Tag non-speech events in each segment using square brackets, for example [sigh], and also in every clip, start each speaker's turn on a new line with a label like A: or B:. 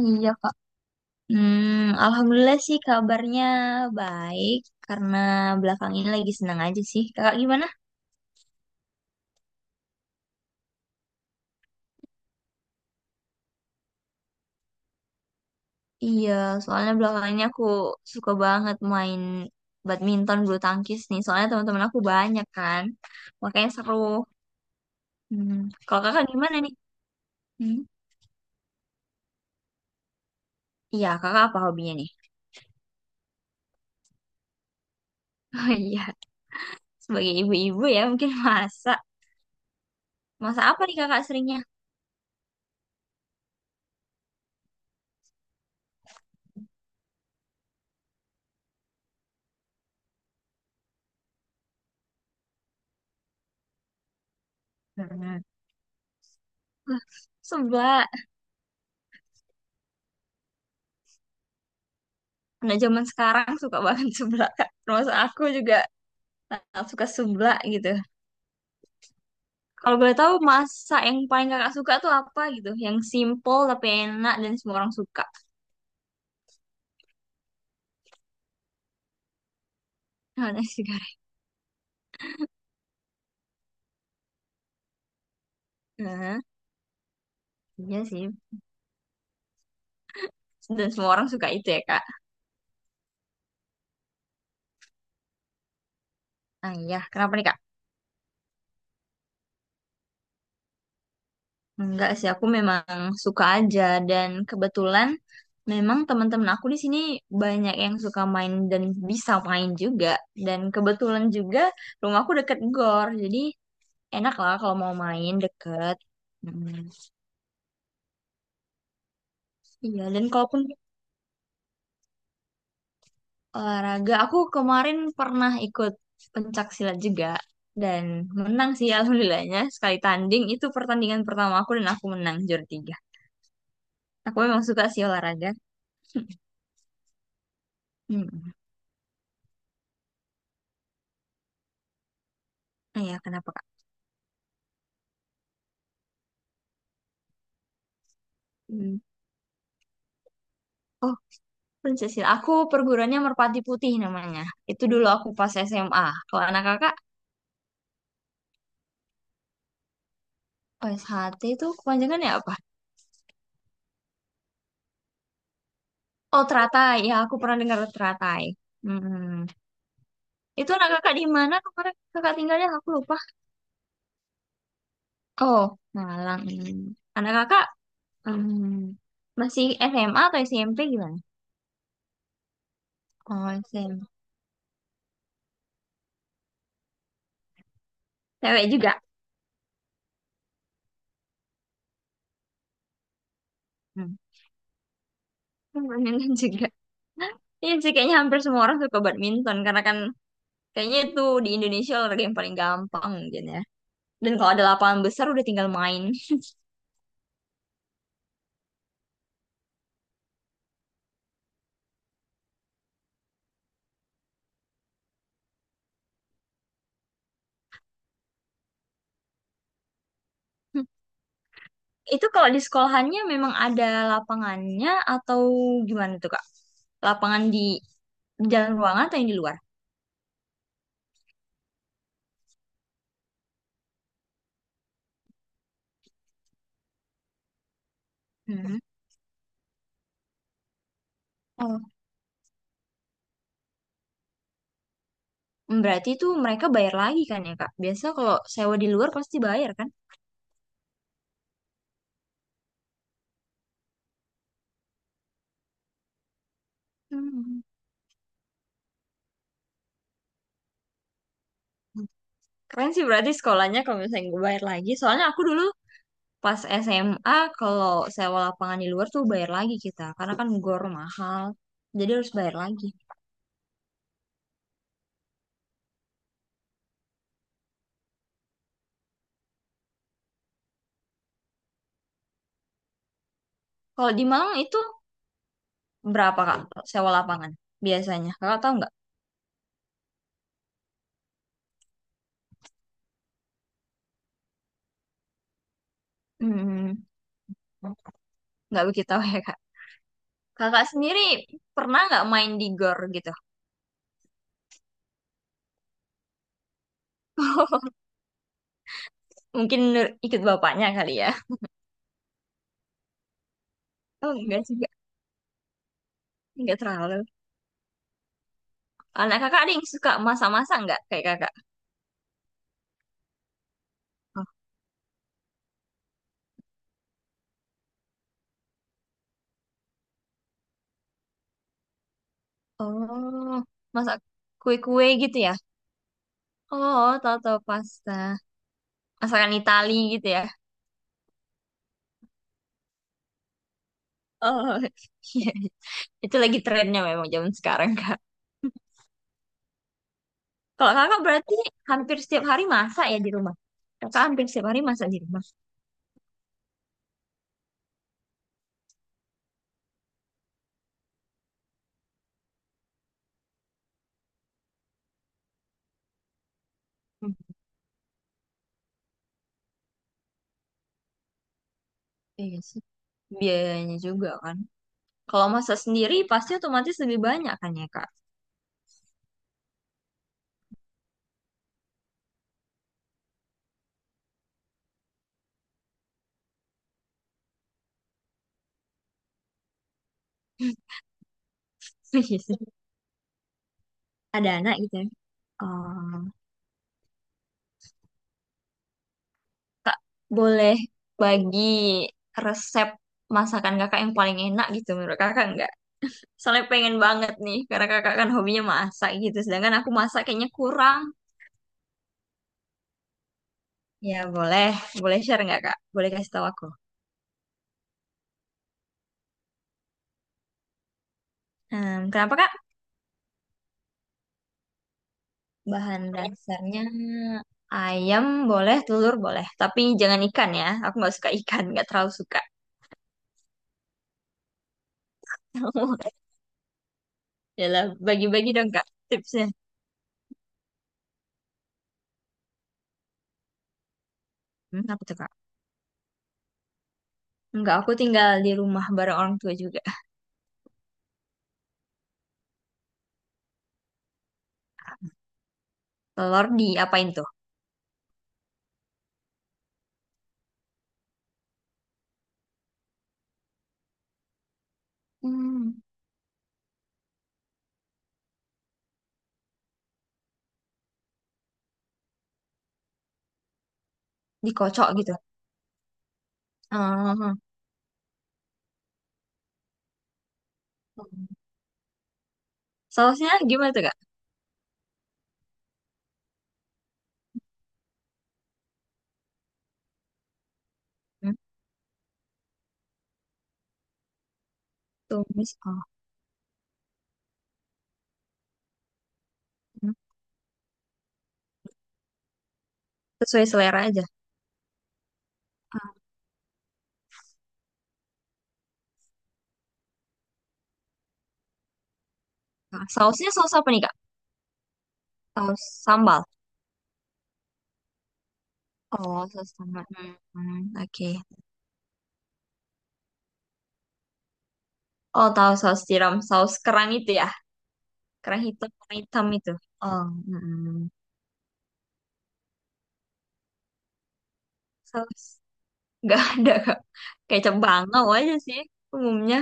A: Iya, Kak. Hmm, Alhamdulillah sih kabarnya baik karena belakang ini lagi senang aja sih. Kakak gimana? Iya, soalnya belakang ini aku suka banget main badminton bulu tangkis nih. Soalnya teman-teman aku banyak kan. Makanya seru. Hmm. Kalau kakak gimana nih? Hmm? Iya, kakak apa hobinya nih? [laughs] Oh iya, sebagai ibu-ibu ya mungkin masak. Masak apa nih kakak seringnya? Hmm. Sebelah. Nah, zaman sekarang suka banget [laughs] seblak, Kak. Termasuk aku juga. Nah, suka seblak gitu. Kalau boleh tahu masak yang paling kakak suka tuh apa gitu? Yang simple tapi enak dan semua orang suka. Nah, nasi goreng. Nah, iya sih. Dan semua orang suka itu ya, Kak. Ah iya, kenapa nih, Kak? Enggak sih, aku memang suka aja dan kebetulan memang teman-teman aku di sini banyak yang suka main dan bisa main juga. Dan kebetulan juga rumahku deket gor, jadi enak lah kalau mau main deket. Hmm, Iya, dan kalaupun olahraga, aku kemarin pernah ikut pencak silat juga dan menang sih alhamdulillahnya. Sekali tanding itu pertandingan pertama aku dan aku menang juara tiga. Aku memang suka sih olahraga. Hmm. Ah ya, kenapa Kak? Hmm. Oh, pencak silat. Aku perguruannya Merpati Putih namanya. Itu dulu aku pas SMA. Kalau anak kakak OSHT itu kepanjangannya apa? Oh, teratai. Ya, aku pernah dengar teratai. Hmm. Itu anak kakak di mana kemarin kakak tinggalnya? Aku lupa. Oh, Malang. Hmm. Anak kakak Hmm, masih SMA atau SMP gimana? Oh, SMP. Cewek juga. Hmm. Permainan [laughs] juga. Iya sih kayaknya hampir semua orang suka badminton karena kan kayaknya itu di Indonesia olahraga yang paling gampang mungkin ya. Dan kalau ada lapangan besar udah tinggal main. Itu kalau di sekolahannya memang ada lapangannya atau gimana tuh Kak? Lapangan di dalam ruangan atau yang di luar? Hmm. Oh, berarti itu mereka bayar lagi kan ya Kak? Biasa kalau sewa di luar pasti bayar kan? Hmm. Keren sih berarti sekolahnya kalau misalnya gue bayar lagi. Soalnya aku dulu pas SMA kalau sewa lapangan di luar tuh bayar lagi kita. Karena kan gor mahal. Jadi harus bayar lagi. Kalau di Malang itu berapa Kak sewa lapangan biasanya? Kakak tahu nggak? Hmm, nggak begitu tahu ya Kak. Kakak sendiri pernah nggak main di gor gitu? Mungkin ikut bapaknya kali ya. Oh enggak juga. Enggak terlalu. Anak kakak ada yang suka masak-masak nggak kayak kakak? Oh, masak kue-kue gitu ya? Oh, tau tau pasta. Masakan Itali gitu ya. Oh, [laughs] iya. Itu lagi trennya memang zaman sekarang, Kak. Kalau kakak berarti hampir setiap hari masak ya di rumah? Kakak hampir setiap hari masak di rumah. Hmm, iya sih. Biayanya juga kan. Kalau masak sendiri pasti otomatis lebih banyak kan ya, Kak? [laughs] Iya sih. Ada anak gitu ya. Oh, Kak, boleh bagi resep masakan kakak yang paling enak gitu menurut kakak nggak? Soalnya pengen banget nih, karena kakak kan hobinya masak gitu. Sedangkan aku masak kayaknya kurang. Ya boleh, boleh share nggak kak? Boleh kasih tahu aku. Kenapa kak? Bahan dasarnya ayam boleh, telur boleh. Tapi jangan ikan ya. Aku nggak suka ikan, nggak terlalu suka. [laughs] Yalah, bagi-bagi dong kak tipsnya. Apa tuh kak? Enggak, aku tinggal di rumah bareng orang tua juga. Telur diapain tuh? Hmm, Dikocok gitu. Oh. Sausnya gimana tuh kak? Hmm, Tumis. Oh. Sesuai selera aja. Ah, sausnya saus apa nih, Kak? Saus sambal. Oh, saus sambal. Hmm, hmm, oke. Oh, tahu saus tiram, saus kerang itu ya. Kerang hitam itu. Oh, mm saus [laughs] nggak ada, Kak. Kecap bangau aja sih umumnya.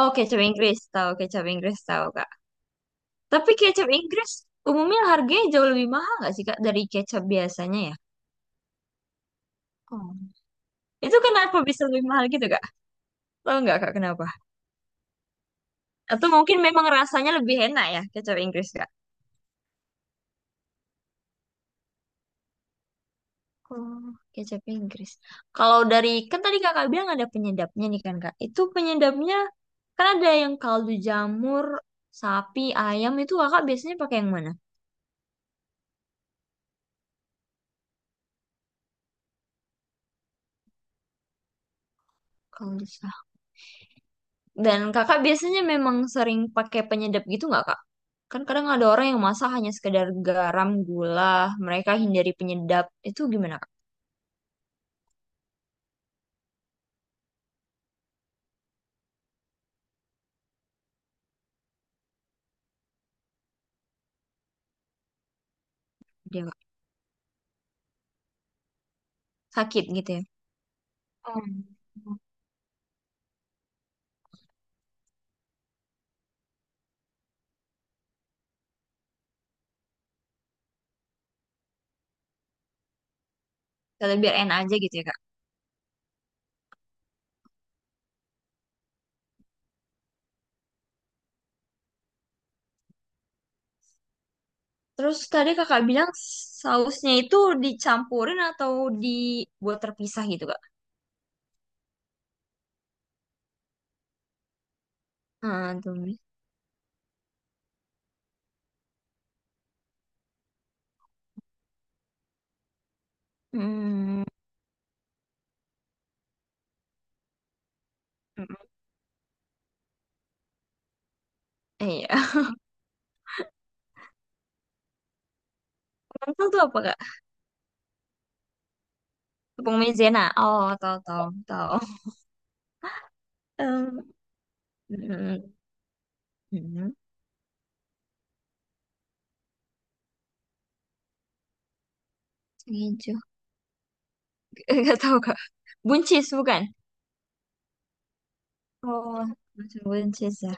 A: Oh, kecap Inggris tahu, Kak. Tapi kecap Inggris umumnya harganya jauh lebih mahal nggak sih, Kak, dari kecap biasanya ya? Oh. Itu kenapa bisa lebih mahal gitu, Kak? Tahu nggak, Kak, kenapa? Atau mungkin memang rasanya lebih enak ya kecap Inggris kak? Oh, kecap Inggris. Kalau dari kan tadi kakak bilang ada penyedapnya nih kan kak. Itu penyedapnya kan ada yang kaldu jamur, sapi, ayam itu kakak biasanya pakai yang mana? Kalau bisa. Dan kakak biasanya memang sering pakai penyedap gitu nggak kak? Kan kadang ada orang yang masak hanya sekedar garam, gula, mereka hindari penyedap. Itu gimana kak? Dia kak? Sakit gitu ya? Oh. Kalau biar enak aja gitu ya kak? Terus tadi kakak bilang sausnya itu dicampurin atau dibuat terpisah gitu kak? Ah, tuh. Hmm, iya. [laughs] Lentil tuh apa kak? Tepung maizena. Oh, tahu tahu tahu. Em, mm, mm, Hijau. [laughs] Gak tahu kak. Buncis bukan? Oh, macam buncis ya.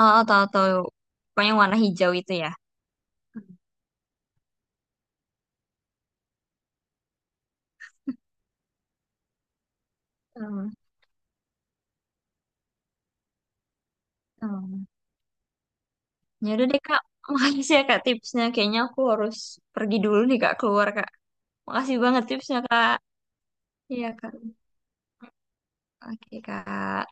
A: Oh, tahu tahu. Pokoknya warna hijau itu ya. Hmm, hmm. Ya udah deh kak. [laughs] Makasih ya kak tipsnya. Kayaknya aku harus pergi dulu nih kak keluar kak. Makasih banget tipsnya, Kak. Iya, Kak. Oke, Kak.